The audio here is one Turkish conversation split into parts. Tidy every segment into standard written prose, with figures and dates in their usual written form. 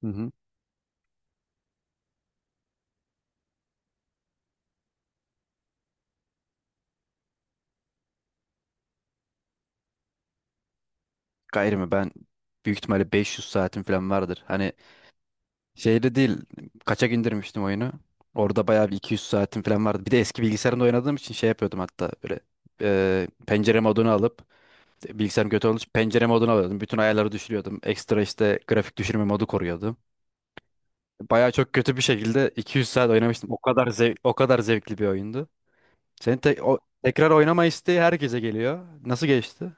Hı hı. Gayrı mı? Ben büyük ihtimalle 500 saatim falan vardır. Hani şeyde değil. Kaçak indirmiştim oyunu. Orada bayağı bir 200 saatim falan vardı. Bir de eski bilgisayarımda oynadığım için şey yapıyordum hatta böyle pencere modunu alıp bilgisayarım kötü olduğu için pencere modunu alıyordum. Bütün ayarları düşürüyordum. Ekstra işte grafik düşürme modu koruyordum. Bayağı çok kötü bir şekilde 200 saat oynamıştım. O kadar o kadar zevkli bir oyundu. Senin o tekrar oynama isteği herkese geliyor. Nasıl geçti?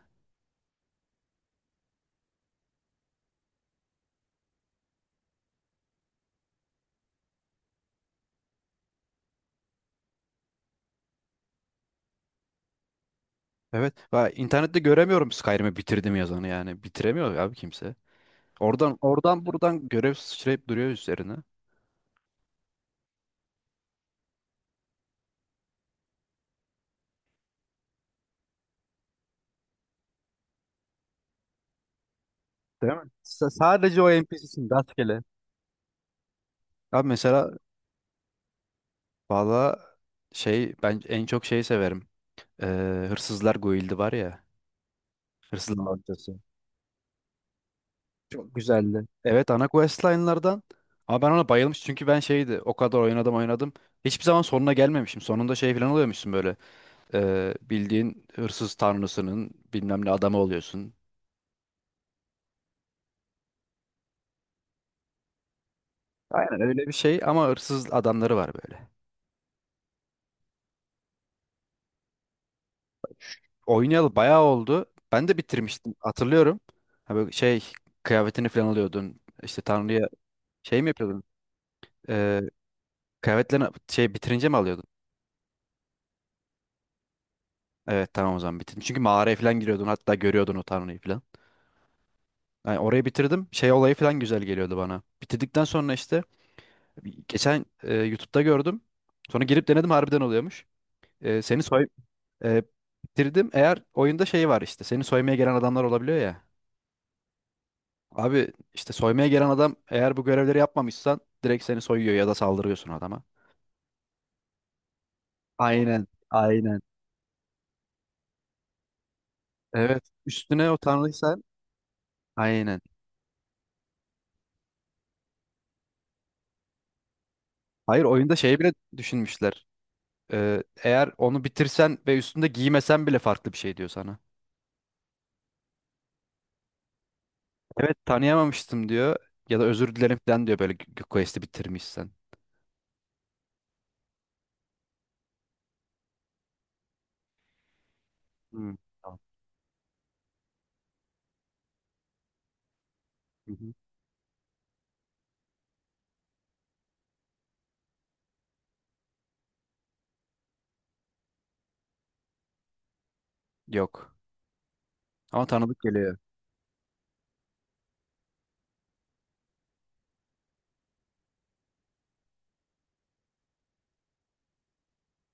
Evet. Ben internette göremiyorum Skyrim'i bitirdim yazanı yani. Bitiremiyor abi kimse. Oradan buradan görev sıçrayıp duruyor üzerine. Değil mi? Sadece o NPC'sin rastgele. Abi mesela valla şey ben en çok şeyi severim. Hırsızlar Guild'i var ya. Hırsızlar Loncası. Çok güzeldi. Evet ana questline'lardan. Ama ben ona bayılmış çünkü ben şeydi o kadar oynadım oynadım. Hiçbir zaman sonuna gelmemişim. Sonunda şey falan oluyormuşsun böyle. Bildiğin hırsız tanrısının bilmem ne adamı oluyorsun. Aynen öyle bir şey ama hırsız adamları var böyle. Oynayalı bayağı oldu. Ben de bitirmiştim hatırlıyorum. Ha böyle şey kıyafetini falan alıyordun. İşte Tanrı'ya şey mi yapıyordun? Ee, kıyafetlerini şey bitirince mi alıyordun? Evet tamam o zaman bitirdim. Çünkü mağaraya falan giriyordun hatta görüyordun o Tanrı'yı falan. Yani orayı bitirdim. Şey olayı falan güzel geliyordu bana. Bitirdikten sonra işte geçen YouTube'da gördüm. Sonra girip denedim harbiden oluyormuş. E, seni soy e, bitirdim. Eğer oyunda şey var işte seni soymaya gelen adamlar olabiliyor ya. Abi işte soymaya gelen adam eğer bu görevleri yapmamışsan direkt seni soyuyor ya da saldırıyorsun adama. Aynen, aynen. Evet. Üstüne o utanırsan aynen. Hayır oyunda şey bile düşünmüşler. Eğer onu bitirsen ve üstünde giymesen bile farklı bir şey diyor sana. Evet tanıyamamıştım diyor ya da özür dilerim falan diyor böyle quest'i bitirmişsen. Hmm, tamam. Hı hı. Yok. Ama tanıdık geliyor.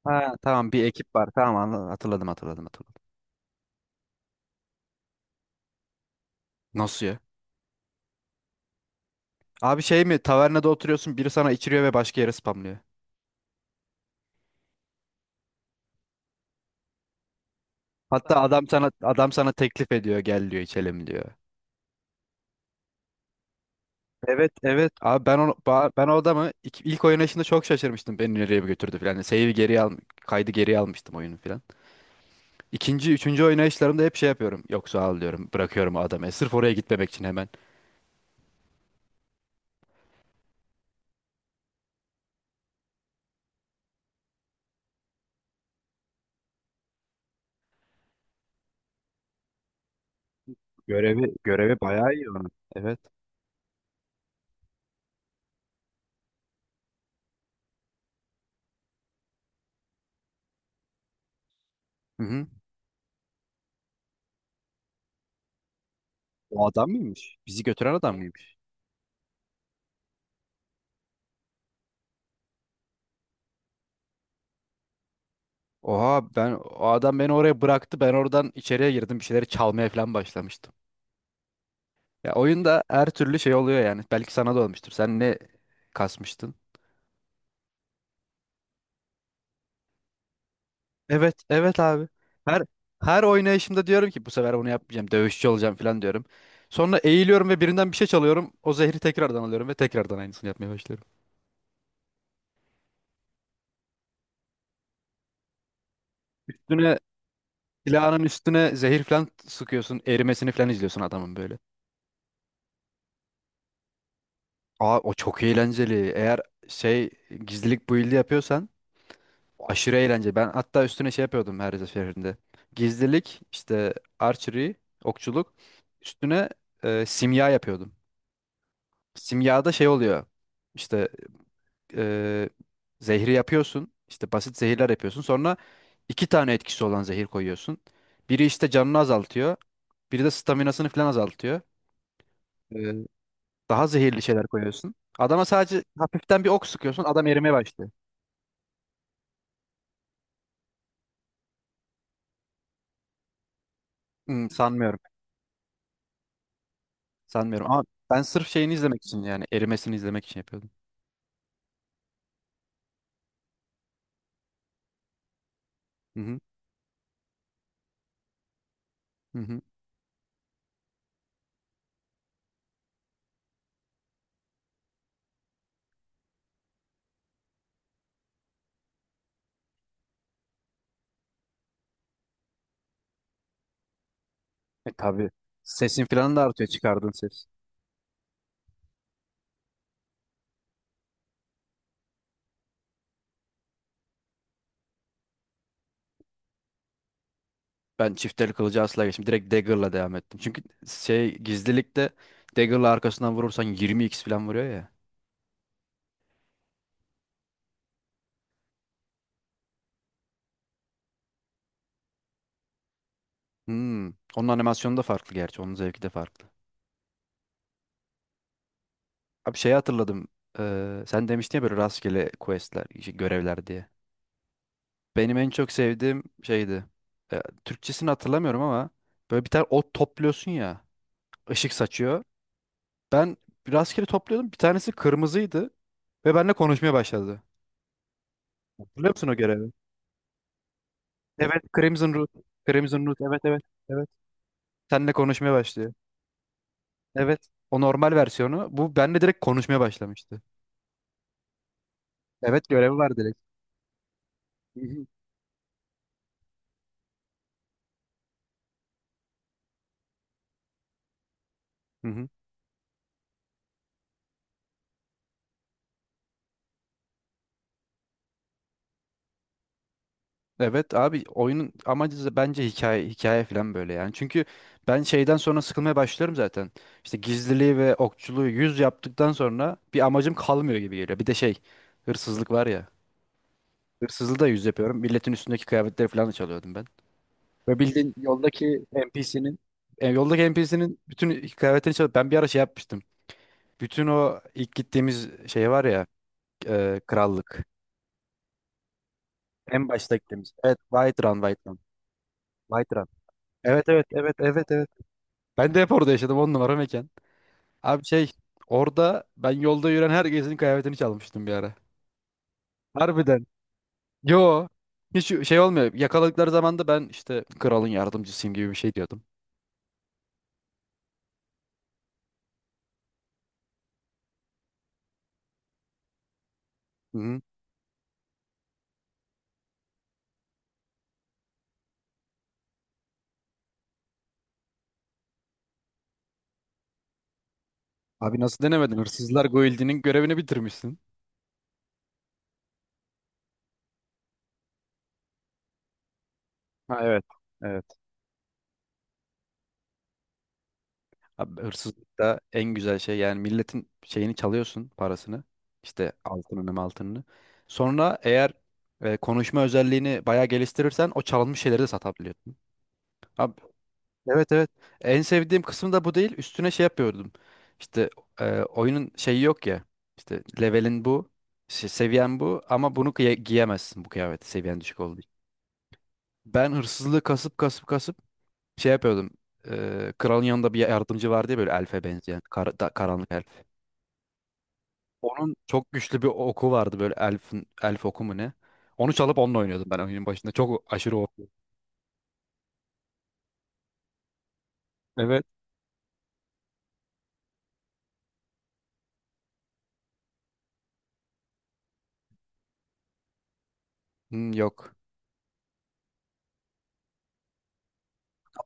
Ha tamam bir ekip var. Tamam hatırladım hatırladım hatırladım. Nasıl ya? Abi şey mi tavernada oturuyorsun biri sana içiriyor ve başka yere spamlıyor. Hatta adam sana teklif ediyor gel diyor içelim diyor. Evet evet. Abi ben o adamı ilk oynayışında çok şaşırmıştım. Beni nereye bir götürdü falan. Save'i geri al kaydı geri almıştım oyunu falan. İkinci, üçüncü oynayışlarımda hep şey yapıyorum. Yok sağ ol diyorum. Bırakıyorum o adamı. Sırf oraya gitmemek için hemen. Görevi bayağı iyi onun. Evet. Hı hı. O adam mıymış? Bizi götüren adam mıymış? Oha, o adam beni oraya bıraktı. Ben oradan içeriye girdim. Bir şeyleri çalmaya falan başlamıştım. Ya oyunda her türlü şey oluyor yani. Belki sana da olmuştur. Sen ne kasmıştın? Evet, evet abi. Her her oynayışımda diyorum ki bu sefer bunu yapmayacağım. Dövüşçü olacağım falan diyorum. Sonra eğiliyorum ve birinden bir şey çalıyorum. O zehri tekrardan alıyorum ve tekrardan aynısını yapmaya başlıyorum. Üstüne silahının üstüne zehir falan sıkıyorsun. Erimesini falan izliyorsun adamın böyle. Aa, o çok eğlenceli. Eğer şey gizlilik build'i yapıyorsan aşırı eğlence. Ben hatta üstüne şey yapıyordum her seferinde. Gizlilik, işte archery, okçuluk. Üstüne simya yapıyordum. Simyada şey oluyor. İşte e, zehri yapıyorsun. İşte basit zehirler yapıyorsun. Sonra iki tane etkisi olan zehir koyuyorsun. Biri işte canını azaltıyor. Biri de staminasını falan azaltıyor. Ee, daha zehirli şeyler koyuyorsun. Adama sadece hafiften bir ok sıkıyorsun. Adam erimeye başlıyor. Sanmıyorum. Sanmıyorum ama ben sırf şeyini izlemek için yani erimesini izlemek için yapıyordum. Hı hı. Hı hı. E tabii. Sesin falan da artıyor çıkardığın ses. Ben çifteli kılıcı asla geçtim. Direkt dagger'la devam ettim. Çünkü şey gizlilikte dagger'la arkasından vurursan 20x falan vuruyor ya. Hmm. Onun animasyonu da farklı gerçi. Onun zevki de farklı. Abi şeyi hatırladım. Sen demiştin ya böyle rastgele questler, işte görevler diye. Benim en çok sevdiğim şeydi. Türkçesini hatırlamıyorum ama böyle bir tane ot topluyorsun ya. Işık saçıyor. Ben rastgele topluyordum. Bir tanesi kırmızıydı ve benimle konuşmaya başladı. Hatırlıyor musun o görevi? Evet, Crimson Root. Crimson Root. Evet, evet. Evet. Seninle konuşmaya başlıyor. Evet. O normal versiyonu. Bu benimle direkt konuşmaya başlamıştı. Evet, görevi var direkt. Hı hı. Hı hı. Evet abi oyunun amacı da bence hikaye hikaye falan böyle yani. Çünkü ben şeyden sonra sıkılmaya başlıyorum zaten. İşte gizliliği ve okçuluğu 100 yaptıktan sonra bir amacım kalmıyor gibi geliyor. Bir de şey hırsızlık var ya. Hırsızlığı da 100 yapıyorum. Milletin üstündeki kıyafetleri falan da çalıyordum ben. Ve bildiğin yoldaki NPC'nin bütün kıyafetlerini çalıp ben bir ara şey yapmıştım. Bütün o ilk gittiğimiz şey var ya krallık. En başta gittiğimiz. Evet, White Run White Run. White Run. Evet evet evet evet evet. Ben de hep orada yaşadım, on numara mekan. Abi şey orada ben yolda yürüyen herkesin kıyafetini çalmıştım bir ara. Harbiden. Yo. Hiç şey olmuyor. Yakaladıkları zaman da ben işte kralın yardımcısıyım gibi bir şey diyordum. Hı. Abi nasıl denemedin? Hırsızlar Guildi'nin görevini bitirmişsin. Ha, evet. Evet. Abi hırsızlık en güzel şey yani, milletin şeyini çalıyorsun, parasını. İşte altınını altınını. Sonra eğer konuşma özelliğini bayağı geliştirirsen o çalınmış şeyleri de satabiliyorsun. Abi, evet evet. En sevdiğim kısım da bu değil. Üstüne şey yapıyordum. İşte oyunun şeyi yok ya. İşte levelin bu. Seviyen bu ama bunu giyemezsin bu kıyafeti seviyen düşük olduğu için. Ben hırsızlığı kasıp kasıp kasıp şey yapıyordum. Kralın yanında bir yardımcı vardı ya böyle elfe benzeyen. Karanlık elf. Onun çok güçlü bir oku vardı böyle elf oku mu ne? Onu çalıp onunla oynuyordum ben oyunun başında. Çok aşırı OP. Evet. Hmm, yok.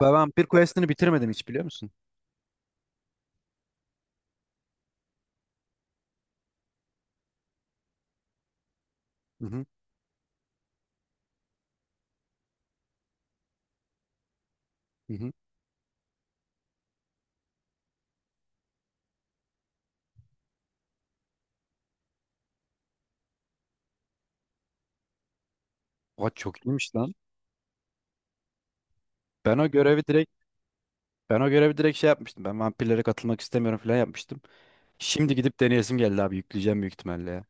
Ben Vampir Quest'ini bitirmedim hiç biliyor musun? Hı hı. Hı hı. Oha, çok iyiymiş lan. Ben o görevi direkt ben o görevi direkt şey yapmıştım. Ben vampirlere katılmak istemiyorum falan yapmıştım. Şimdi gidip deneyesim geldi abi. Yükleyeceğim büyük ihtimalle ya.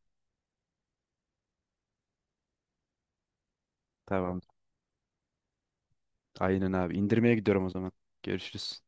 Tamam. Aynen abi. İndirmeye gidiyorum o zaman. Görüşürüz.